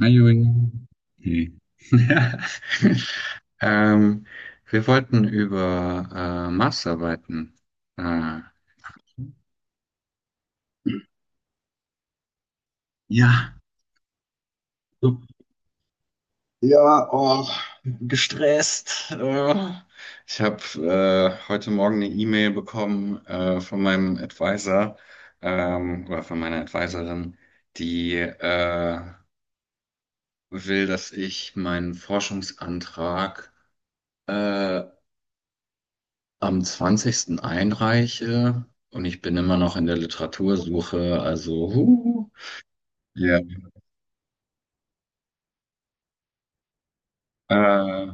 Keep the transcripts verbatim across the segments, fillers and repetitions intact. Hi, Juri. Nee. Ähm, Wir wollten über äh, Maßarbeiten. Äh, ja, so. Ja, oh, gestresst. Äh, ich habe äh, heute Morgen eine E-Mail bekommen äh, von meinem Advisor ähm, oder von meiner Advisorin, die äh, will, dass ich meinen Forschungsantrag äh, am zwanzigsten einreiche, und ich bin immer noch in der Literatursuche, also huh, ja. Äh,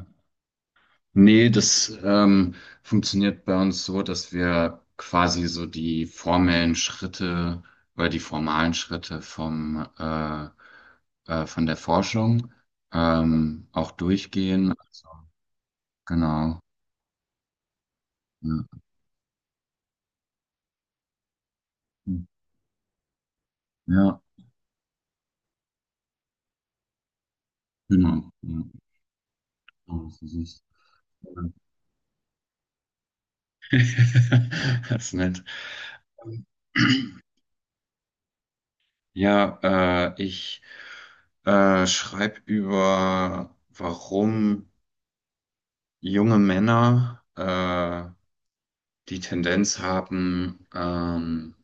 Nee, das ähm, funktioniert bei uns so, dass wir quasi so die formellen Schritte oder die formalen Schritte vom äh, äh, von der Forschung ähm, auch durchgehen. Also, genau. Ja, ja, genau. Ja, so ist es. Das ist nett. Ja, äh, ich äh, schreibe über, warum junge Männer äh, die Tendenz haben, ähm,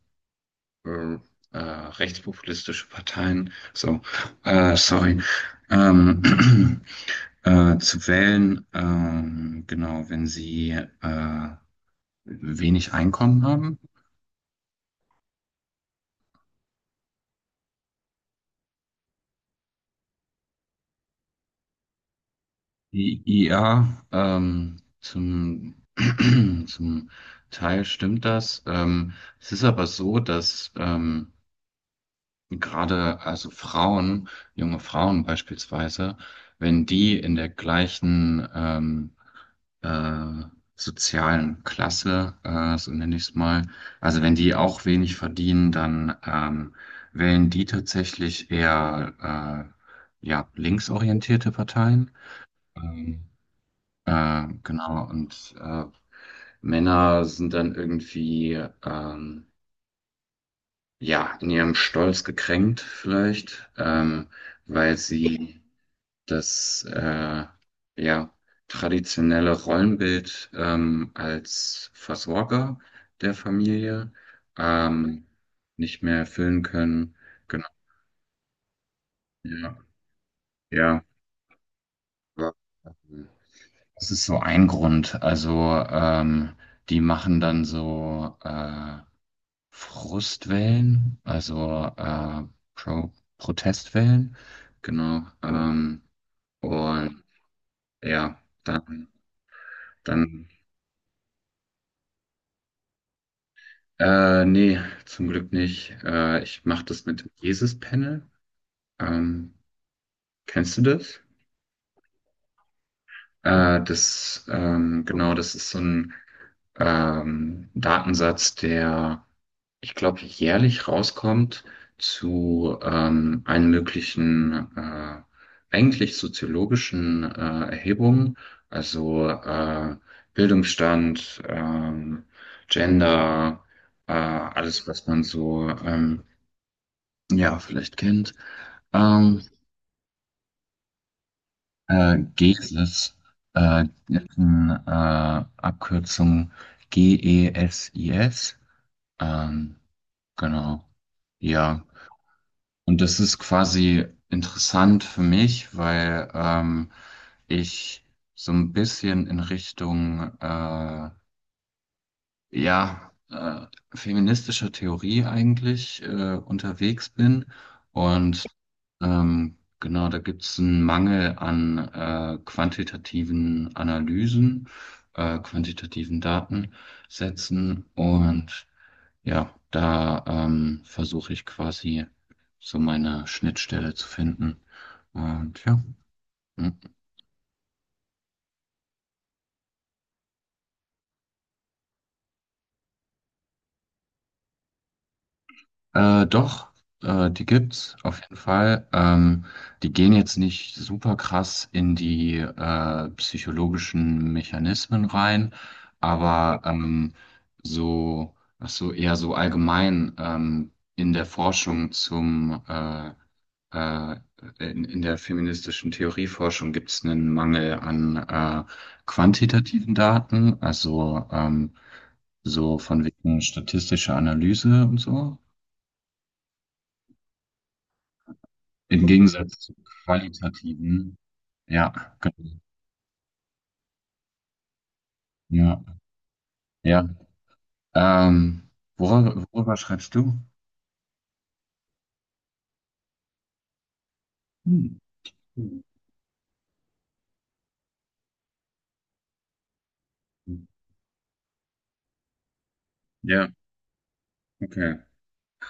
äh, äh, rechtspopulistische Parteien, so, äh, sorry, ähm, äh, zu wählen, ähm, genau, wenn sie äh, wenig Einkommen haben. I- Ja, ähm, zum, zum Teil stimmt das. Ähm, es ist aber so, dass ähm, gerade also Frauen, junge Frauen beispielsweise, wenn die in der gleichen ähm, äh, sozialen Klasse, äh, so nenne ich es mal, also wenn die auch wenig verdienen, dann ähm, wählen die tatsächlich eher äh, ja, linksorientierte Parteien. Ähm, äh, genau, und äh, Männer sind dann irgendwie ähm, ja in ihrem Stolz gekränkt, vielleicht, ähm, weil sie das äh, ja traditionelle Rollenbild ähm, als Versorger der Familie ähm, nicht mehr erfüllen können. Genau, ja, ja. Aber, ähm, das ist so ein Grund. Also ähm, die machen dann so äh, Frustwellen, also äh, Pro Protestwellen, genau. Ähm, und ja, dann, dann äh, nee, zum Glück nicht. Äh, ich mache das mit dem Jesus-Panel. Ähm, Kennst du das? Äh, das, ähm, genau, das ist so ein ähm, Datensatz, der, ich glaube, jährlich rauskommt zu ähm, allen möglichen, äh, eigentlich soziologischen äh, Erhebungen, also äh, Bildungsstand, ähm, Gender, äh, alles, was man so ähm, ja vielleicht kennt. Ähm, äh, GESIS, äh, ist eine äh, Abkürzung G-E-S-I-S, ähm, genau. Ja. Und das ist quasi interessant für mich, weil ähm, ich so ein bisschen in Richtung äh, ja äh, feministischer Theorie eigentlich äh, unterwegs bin. Und ähm, genau, da gibt es einen Mangel an äh, quantitativen Analysen, äh, quantitativen Datensätzen. Und ja, da ähm, versuche ich quasi so meine Schnittstelle zu finden. Und ja. Hm. Äh, doch, äh, die gibt's auf jeden Fall. Ähm, die gehen jetzt nicht super krass in die äh, psychologischen Mechanismen rein, aber ähm, so, ach so, eher so allgemein ähm, in der Forschung zum äh, äh, in, in der feministischen Theorieforschung gibt's einen Mangel an äh, quantitativen Daten, also ähm, so von wegen statistischer Analyse und so. Im Gegensatz zu qualitativen. Ja, genau. Ja, ja. Ähm, worüber, worüber schreibst du? Hm. Ja, okay.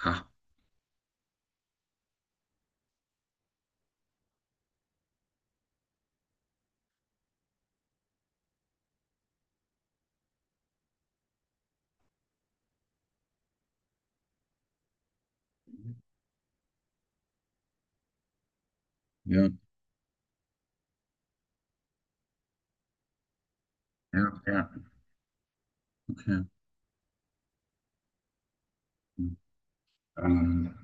Ha. Ja, ja, ja, okay. Ähm,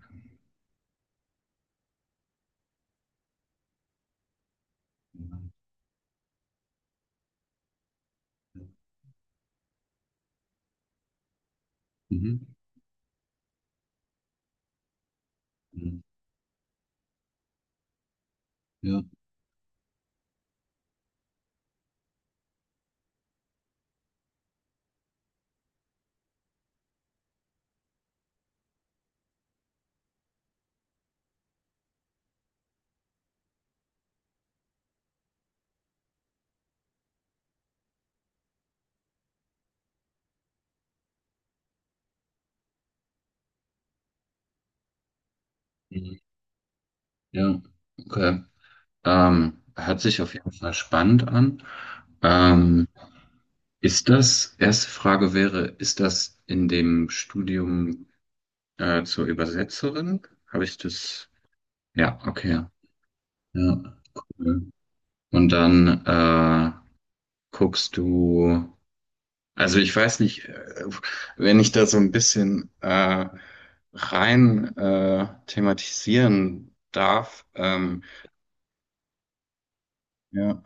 mhm. Ja, mhm. Ja, okay. Ähm, hört sich auf jeden Fall spannend an. Ähm, Ist das, erste Frage wäre, ist das in dem Studium? Äh, zur Übersetzerin habe ich das. Ja, okay. Ja. Ja, cool. Und dann äh, guckst du. Also ich weiß nicht, äh, wenn ich da so ein bisschen äh, rein äh, thematisieren darf. Ähm, ja,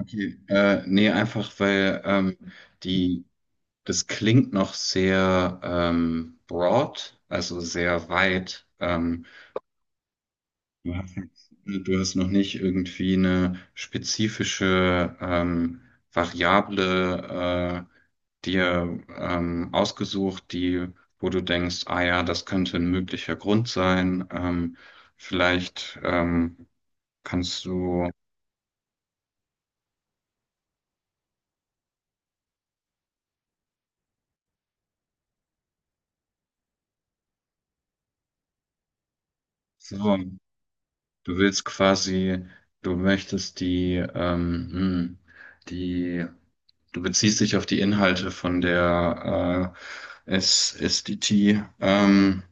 okay. Äh, nee, einfach weil ähm, die das klingt noch sehr ähm, broad, also sehr weit. Ähm, Du hast jetzt, du hast noch nicht irgendwie eine spezifische ähm, Variable äh, dir ähm, ausgesucht, die, wo du denkst, ah ja, das könnte ein möglicher Grund sein. Ähm, vielleicht ähm, kannst du, so, du willst quasi, du möchtest die, ähm, hm, die, du beziehst dich auf die Inhalte von der äh, S S D T. Ähm,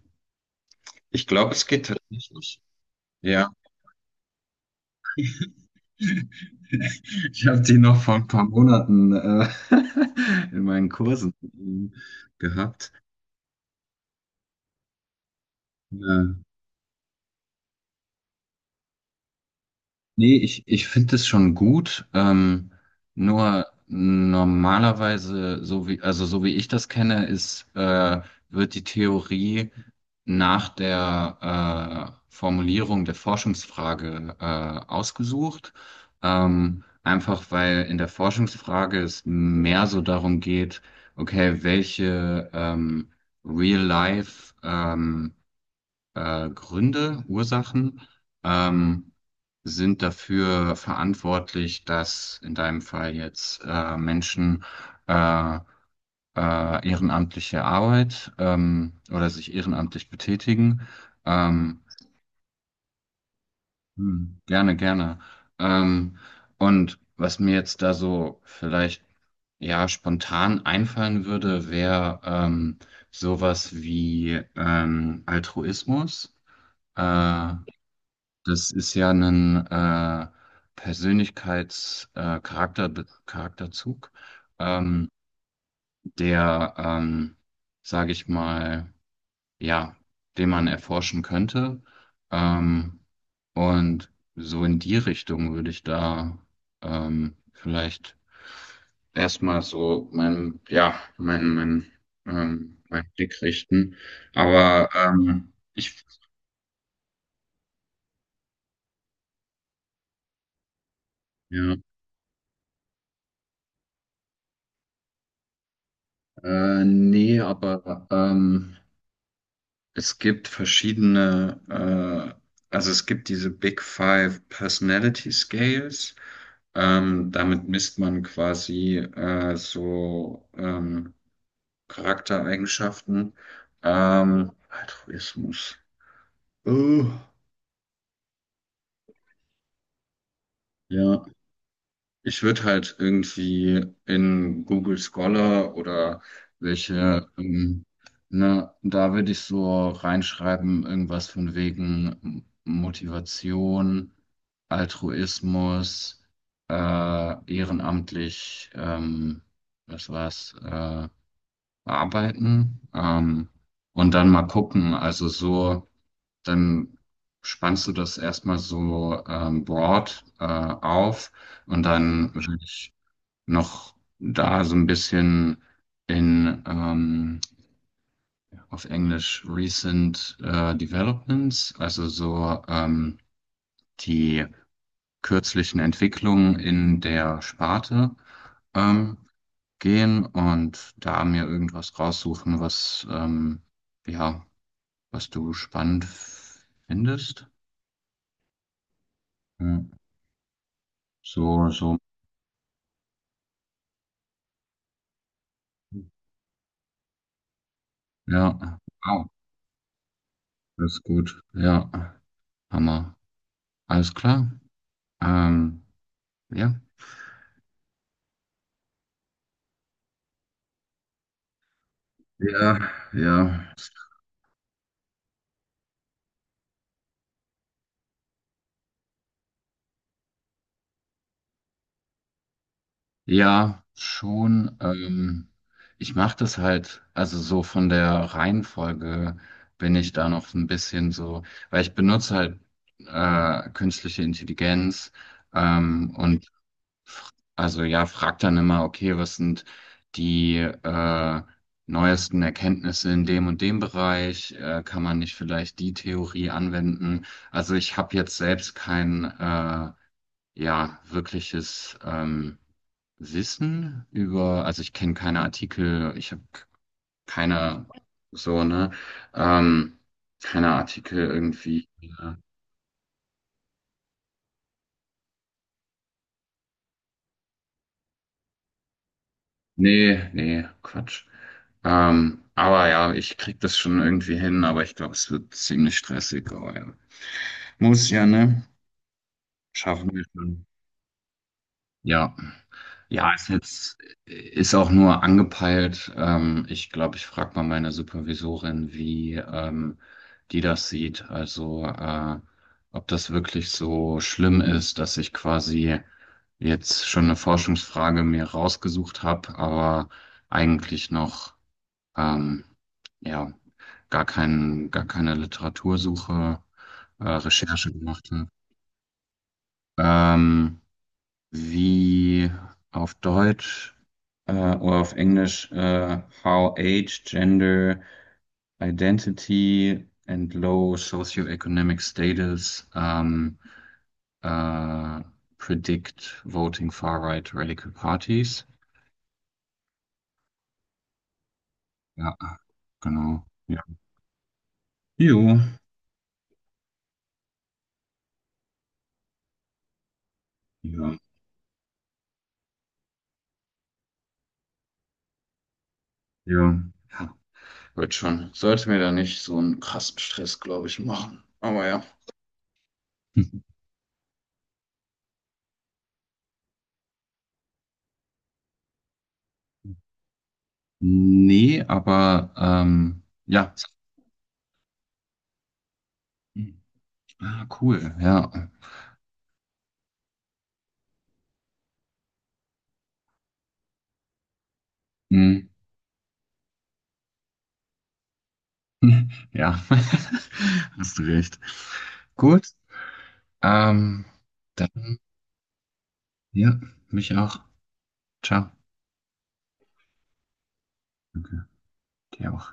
Ich glaube, es geht tatsächlich. Ja. Ich habe die noch vor ein paar Monaten äh, in meinen Kursen ähm, gehabt. Ja. Nee, ich, ich finde es schon gut. Ähm, nur normalerweise, so wie, also so wie ich das kenne, ist, äh, wird die Theorie nach der äh, Formulierung der Forschungsfrage äh, ausgesucht. Ähm, einfach weil in der Forschungsfrage es mehr so darum geht, okay, welche ähm, Real-Life ähm, äh, Gründe, Ursachen ähm, sind dafür verantwortlich, dass in deinem Fall jetzt äh, Menschen äh, äh, ehrenamtliche Arbeit ähm, oder sich ehrenamtlich betätigen. Ähm, hm, Gerne, gerne. Ähm, und was mir jetzt da so vielleicht ja spontan einfallen würde, wäre ähm, sowas wie ähm, Altruismus. Äh, Das ist ja ein äh, Persönlichkeits-, äh, Charakter, Charakterzug, ähm, der, ähm, sage ich mal, ja, den man erforschen könnte. Ähm, und so in die Richtung würde ich da ähm, vielleicht erstmal so mein, ja, mein, mein, ähm, mein Blick richten. Aber ähm, ich, ja, äh, nee, aber ähm, es gibt verschiedene, äh, also es gibt diese Big Five Personality Scales. Ähm, damit misst man quasi äh, so ähm, Charaktereigenschaften. Ähm, Altruismus. Uh, ja. Ich würde halt irgendwie in Google Scholar oder welche, ähm, ne, da würde ich so reinschreiben, irgendwas von wegen Motivation, Altruismus, äh, ehrenamtlich, ähm, was war's, äh, arbeiten, ähm, und dann mal gucken, also so, dann spannst du das erstmal so ähm, broad äh, auf. Und dann würde ich noch da so ein bisschen in ähm, auf Englisch Recent äh, Developments, also so ähm, die kürzlichen Entwicklungen in der Sparte ähm, gehen und da mir irgendwas raussuchen, was ähm, ja, was du spannend findest. Ja. So, so, ja, wow, das ist gut, ja, Hammer, alles klar. Ähm, ja. Ja, ja, ja, schon. Ähm, ich mache das halt, also so von der Reihenfolge bin ich da noch so ein bisschen so, weil ich benutze halt äh, künstliche Intelligenz ähm, und f- also ja, frag dann immer, okay, was sind die äh, neuesten Erkenntnisse in dem und dem Bereich? Äh, kann man nicht vielleicht die Theorie anwenden? Also ich habe jetzt selbst kein äh, Ja, wirkliches ähm, Wissen über, also ich kenne keine Artikel, ich habe keine, so, ne? Ähm, Keine Artikel irgendwie. äh, Nee, nee, Quatsch. Ähm, aber ja, ich krieg das schon irgendwie hin, aber ich glaube, es wird ziemlich stressig. Aber ja. Muss ja, ne? Schaffen wir schon. Ja. Ja, ist jetzt, ist auch nur angepeilt. Ähm, ich glaube, ich frage mal meine Supervisorin, wie ähm, die das sieht. Also, äh, ob das wirklich so schlimm ist, dass ich quasi jetzt schon eine Forschungsfrage mir rausgesucht habe, aber eigentlich noch, ähm, ja, gar kein, gar keine Literatursuche, äh, Recherche gemacht habe. Ähm, Wie auf Deutsch, äh, oder auf Englisch, äh, How Age, Gender, Identity and Low Socioeconomic Status ähm, äh, predict voting far-right radical parties. Ja, genau. Ja. Jo. Ja. Ja. Ja, wird schon. Sollte mir da nicht so einen krassen Stress, glaube ich, machen. Aber ja. Nee, aber ähm, ja. Ah, cool, ja. Hm. Ja, hast du recht. Gut, ähm, dann, ja, mich auch. Ciao. Danke, dir auch.